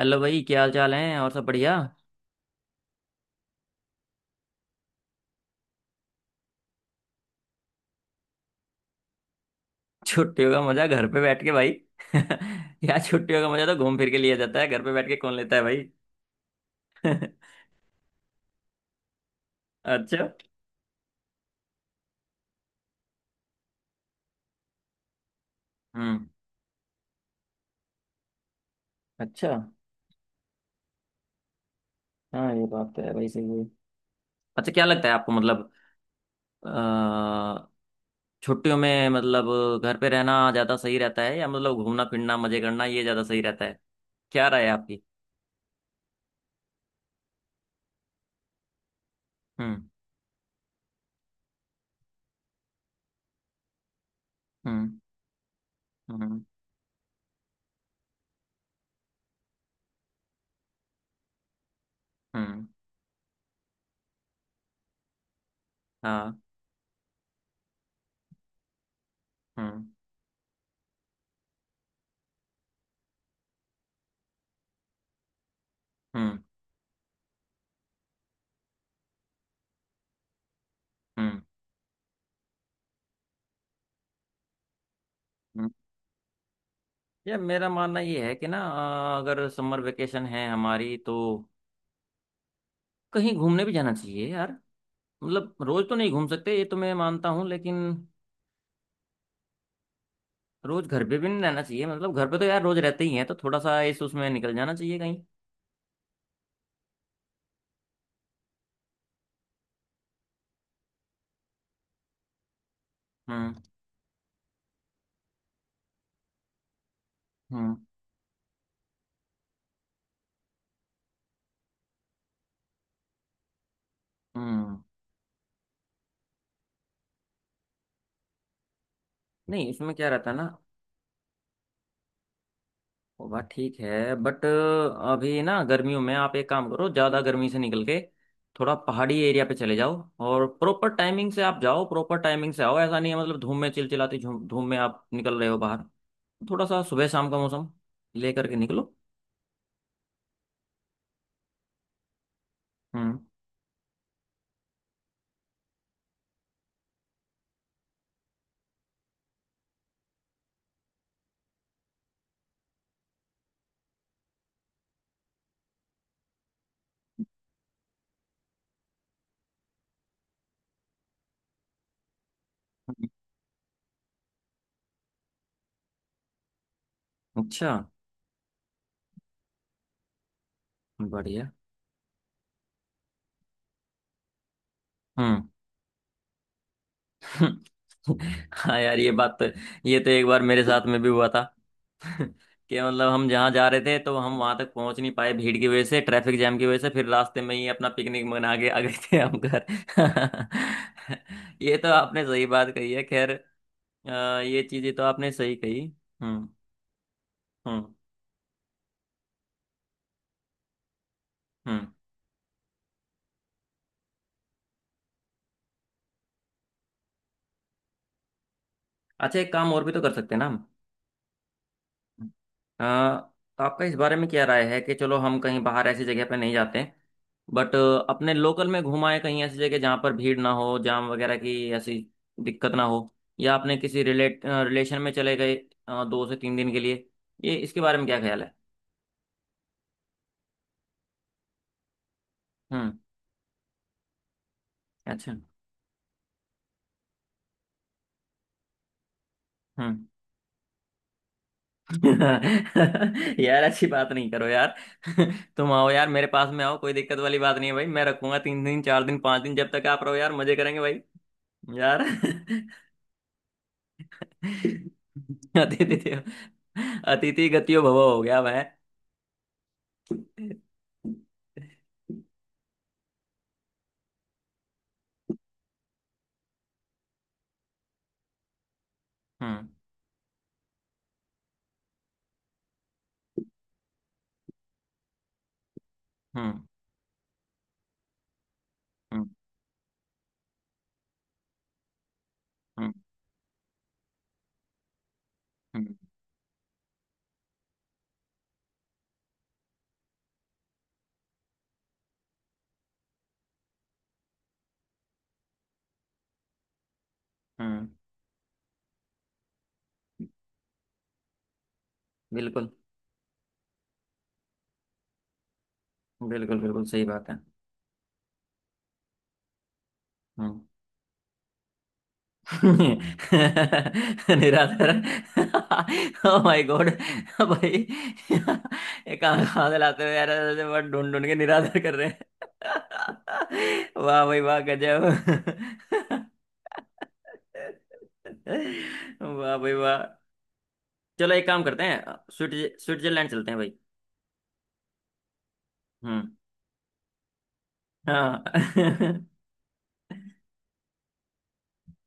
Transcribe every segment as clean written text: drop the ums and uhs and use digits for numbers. Hello भाई, क्या हाल चाल है? और सब बढ़िया? छुट्टियों का मजा घर पे बैठ के, भाई? यार, छुट्टियों का मजा तो घूम फिर के लिया जाता है, घर पे बैठ के कौन लेता है भाई? अच्छा। हम्म। अच्छा। हाँ, ये बात तो है भाई, सही है। अच्छा, क्या लगता है आपको? मतलब अ, छुट्टियों में, मतलब घर पे रहना ज्यादा सही रहता है, या मतलब घूमना फिरना मजे करना, ये ज्यादा सही रहता है? क्या राय है आपकी? हम्म। हम्म। हम्म। हम्म। हाँ। हम्म। हम्म। हम्म। यार, मेरा मानना ये है कि ना, अगर समर वेकेशन है हमारी, तो कहीं घूमने भी जाना चाहिए यार। मतलब रोज तो नहीं घूम सकते, ये तो मैं मानता हूँ, लेकिन रोज घर पे भी नहीं रहना चाहिए। मतलब घर पे तो यार रोज रहते ही हैं, तो थोड़ा सा इस उसमें निकल जाना चाहिए कहीं। हम्म। हम्म। हम्म। नहीं, इसमें क्या रहता है ना, वो बात ठीक है बट अभी ना गर्मियों में आप एक काम करो, ज़्यादा गर्मी से निकल के थोड़ा पहाड़ी एरिया पे चले जाओ। और प्रॉपर टाइमिंग से आप जाओ, प्रॉपर टाइमिंग से आओ। ऐसा नहीं है, मतलब धूम में, चिलचिलाती धूम, धूम में आप निकल रहे हो बाहर। थोड़ा सा सुबह शाम का मौसम लेकर के निकलो। हम्म। हम्म। अच्छा। बढ़िया। हम्म। हाँ यार, ये बात तो, ये तो एक बार मेरे साथ में भी हुआ था कि मतलब हम जहाँ जा रहे थे, तो हम वहां तक पहुंच नहीं पाए, भीड़ की वजह से, ट्रैफिक जाम की वजह से, फिर रास्ते में ही अपना पिकनिक मना के आ गए थे हम घर। ये तो आपने सही बात कही है, खैर ये चीजें तो आपने सही कही। हम्म। हम्म। हम्म। अच्छा, एक काम और भी तो कर सकते हैं ना हम। अ, तो आपका इस बारे में क्या राय है कि चलो हम कहीं बाहर ऐसी जगह पे नहीं जाते, बट अपने लोकल में घुमाएं, कहीं ऐसी जगह जहाँ पर भीड़ ना हो, जाम वगैरह की ऐसी दिक्कत ना हो। या आपने किसी रिलेट रिलेशन में चले गए, दो से तीन दिन के लिए। ये, इसके बारे में क्या ख्याल है? हम्म। अच्छा। हम्म यार ऐसी बात नहीं करो यार। तुम आओ यार, मेरे पास में आओ, कोई दिक्कत वाली बात नहीं है भाई, मैं रखूंगा। तीन दिन, चार दिन, पांच दिन, जब तक आप रहो यार, मजे करेंगे भाई। यार। अतिथि अतिथि गतियो भव हो गया मैं। हम्म। हम्म। हम्म। हम्म। हम्म। हम्म। बिल्कुल। बिल्कुल, बिल्कुल सही बात है। हम्म। निराधार। Oh my god. भाई, ये काम कहाँ से लाते हो यार? ऐसे वर्ड ढूंढ ढूंढ के निराधार कर रहे हैं। वाह भाई वाह, गजब। वाह भाई वाह। चलो, एक काम करते हैं, स्विट्जरलैंड चलते हैं भाई। हम्म। हाँ।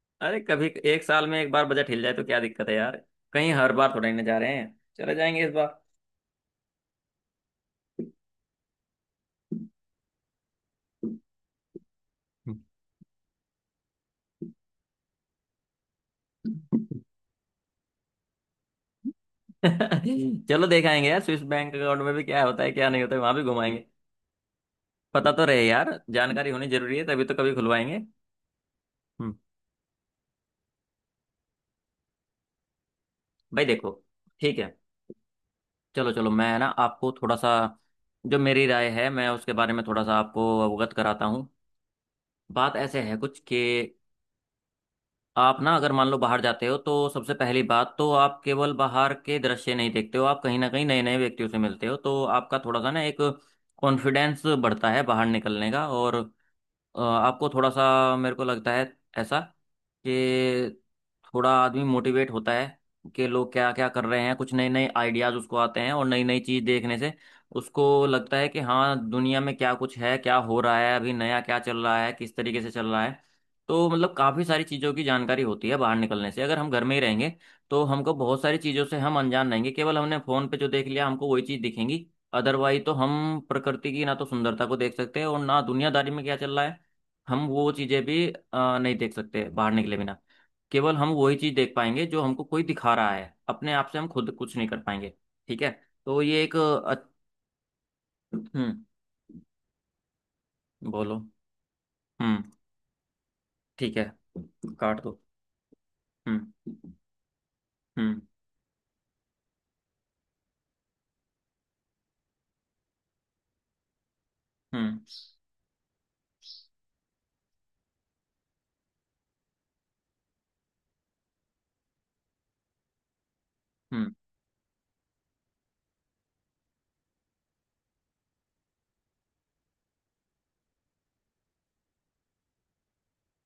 अरे, कभी एक साल में एक बार बजट हिल जाए तो क्या दिक्कत है यार? कहीं हर बार थोड़ा ना जा रहे हैं, चले जाएंगे इस बार। चलो, देख आएंगे यार, स्विस बैंक अकाउंट में भी क्या होता है क्या नहीं होता है, वहां भी घुमाएंगे। पता तो रहे यार, जानकारी होनी जरूरी है, तभी तो कभी खुलवाएंगे। हम्म। भाई देखो, ठीक है, चलो चलो, मैं ना आपको थोड़ा सा, जो मेरी राय है, मैं उसके बारे में थोड़ा सा आपको अवगत कराता हूँ। बात ऐसे है कुछ कि आप ना, अगर मान लो बाहर जाते हो, तो सबसे पहली बात तो आप केवल बाहर के दृश्य नहीं देखते हो, आप कहीं ना कहीं नए नए व्यक्तियों से मिलते हो, तो आपका थोड़ा सा ना एक कॉन्फिडेंस बढ़ता है बाहर निकलने का। और आपको थोड़ा सा, मेरे को लगता है ऐसा कि, थोड़ा आदमी मोटिवेट होता है कि लोग क्या क्या कर रहे हैं, कुछ नए नए आइडियाज उसको आते हैं, और नई नई चीज देखने से उसको लगता है कि हाँ, दुनिया में क्या कुछ है, क्या हो रहा है, अभी नया क्या चल रहा है, किस तरीके से चल रहा है। तो मतलब काफी सारी चीजों की जानकारी होती है बाहर निकलने से। अगर हम घर में ही रहेंगे, तो हमको बहुत सारी चीजों से, हम अनजान रहेंगे। केवल हमने फोन पे जो देख लिया, हमको वही चीज दिखेंगी। अदरवाइज तो हम प्रकृति की ना तो सुंदरता को देख सकते हैं, और ना दुनियादारी में क्या चल रहा है, हम वो चीजें भी नहीं देख सकते बाहर निकले बिना। केवल हम वही चीज देख पाएंगे जो हमको कोई दिखा रहा है, अपने आप से हम खुद कुछ नहीं कर पाएंगे। ठीक है, तो ये एक हम्म। बोलो। हम्म। ठीक है। काट दो। हम्म। हम्म। हम्म। हम्म।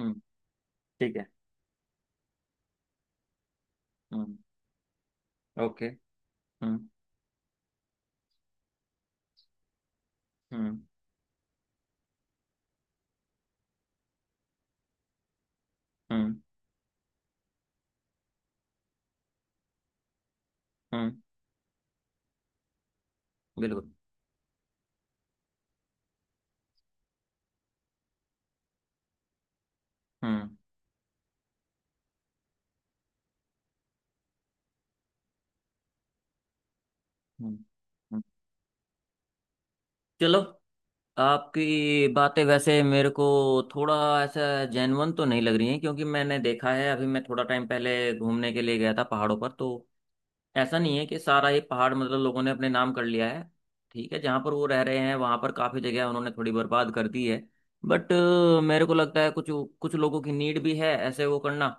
हम्म। ठीक है। हम्म। ओके। हम्म। हम्म। हम्म। हम्म। बिल्कुल। हम्म। हम्म। हम्म। चलो, आपकी बातें वैसे मेरे को थोड़ा ऐसा जेन्युइन तो नहीं लग रही हैं, क्योंकि मैंने देखा है, अभी मैं थोड़ा टाइम पहले घूमने के लिए गया था पहाड़ों पर, तो ऐसा नहीं है कि सारा ये पहाड़ मतलब लोगों ने अपने नाम कर लिया है। ठीक है, जहाँ पर वो रह रहे हैं वहाँ पर काफ़ी जगह उन्होंने थोड़ी बर्बाद कर दी है, बट मेरे को लगता है कुछ, कुछ लोगों की नीड भी है ऐसे वो करना।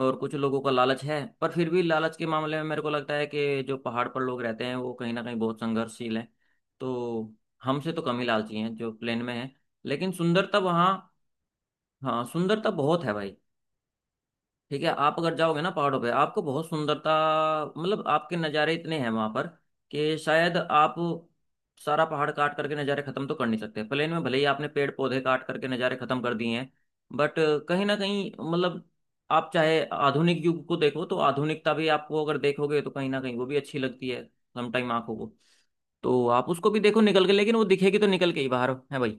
और कुछ लोगों का लालच है, पर फिर भी लालच के मामले में मेरे को लगता है कि जो पहाड़ पर लोग रहते हैं, वो कहीं ना कहीं बहुत संघर्षशील हैं, तो हमसे तो कम ही लालची हैं जो प्लेन में हैं। लेकिन सुंदरता वहाँ, हाँ, सुंदरता बहुत है भाई। ठीक है, आप अगर जाओगे ना पहाड़ों पे, आपको बहुत सुंदरता, मतलब आपके नज़ारे इतने हैं वहां पर, कि शायद आप सारा पहाड़ काट करके नज़ारे खत्म तो कर नहीं सकते। प्लेन में भले ही आपने पेड़ पौधे काट करके नज़ारे खत्म कर दिए हैं, बट कहीं ना कहीं मतलब आप चाहे आधुनिक युग को देखो, तो आधुनिकता भी आपको, अगर देखोगे तो कहीं ना कहीं वो भी अच्छी लगती है समटाइम आंखों को। तो आप उसको भी देखो निकल के, लेकिन वो दिखेगी तो निकल के ही बाहर है भाई,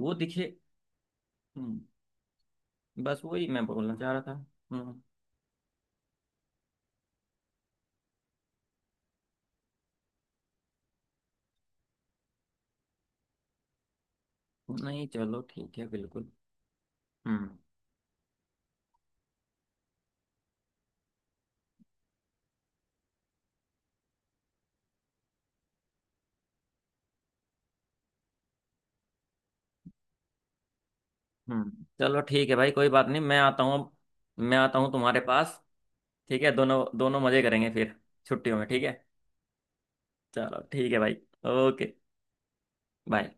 वो दिखे। हम्म। बस वही मैं बोलना चाह रहा था। हम्म। नहीं, चलो ठीक है, बिल्कुल। हम्म। हम्म। चलो ठीक है भाई, कोई बात नहीं, मैं आता हूँ, मैं आता हूँ तुम्हारे पास। ठीक है, दोनों दोनों मजे करेंगे फिर, छुट्टियों में, ठीक है। चलो ठीक है भाई, ओके, बाय।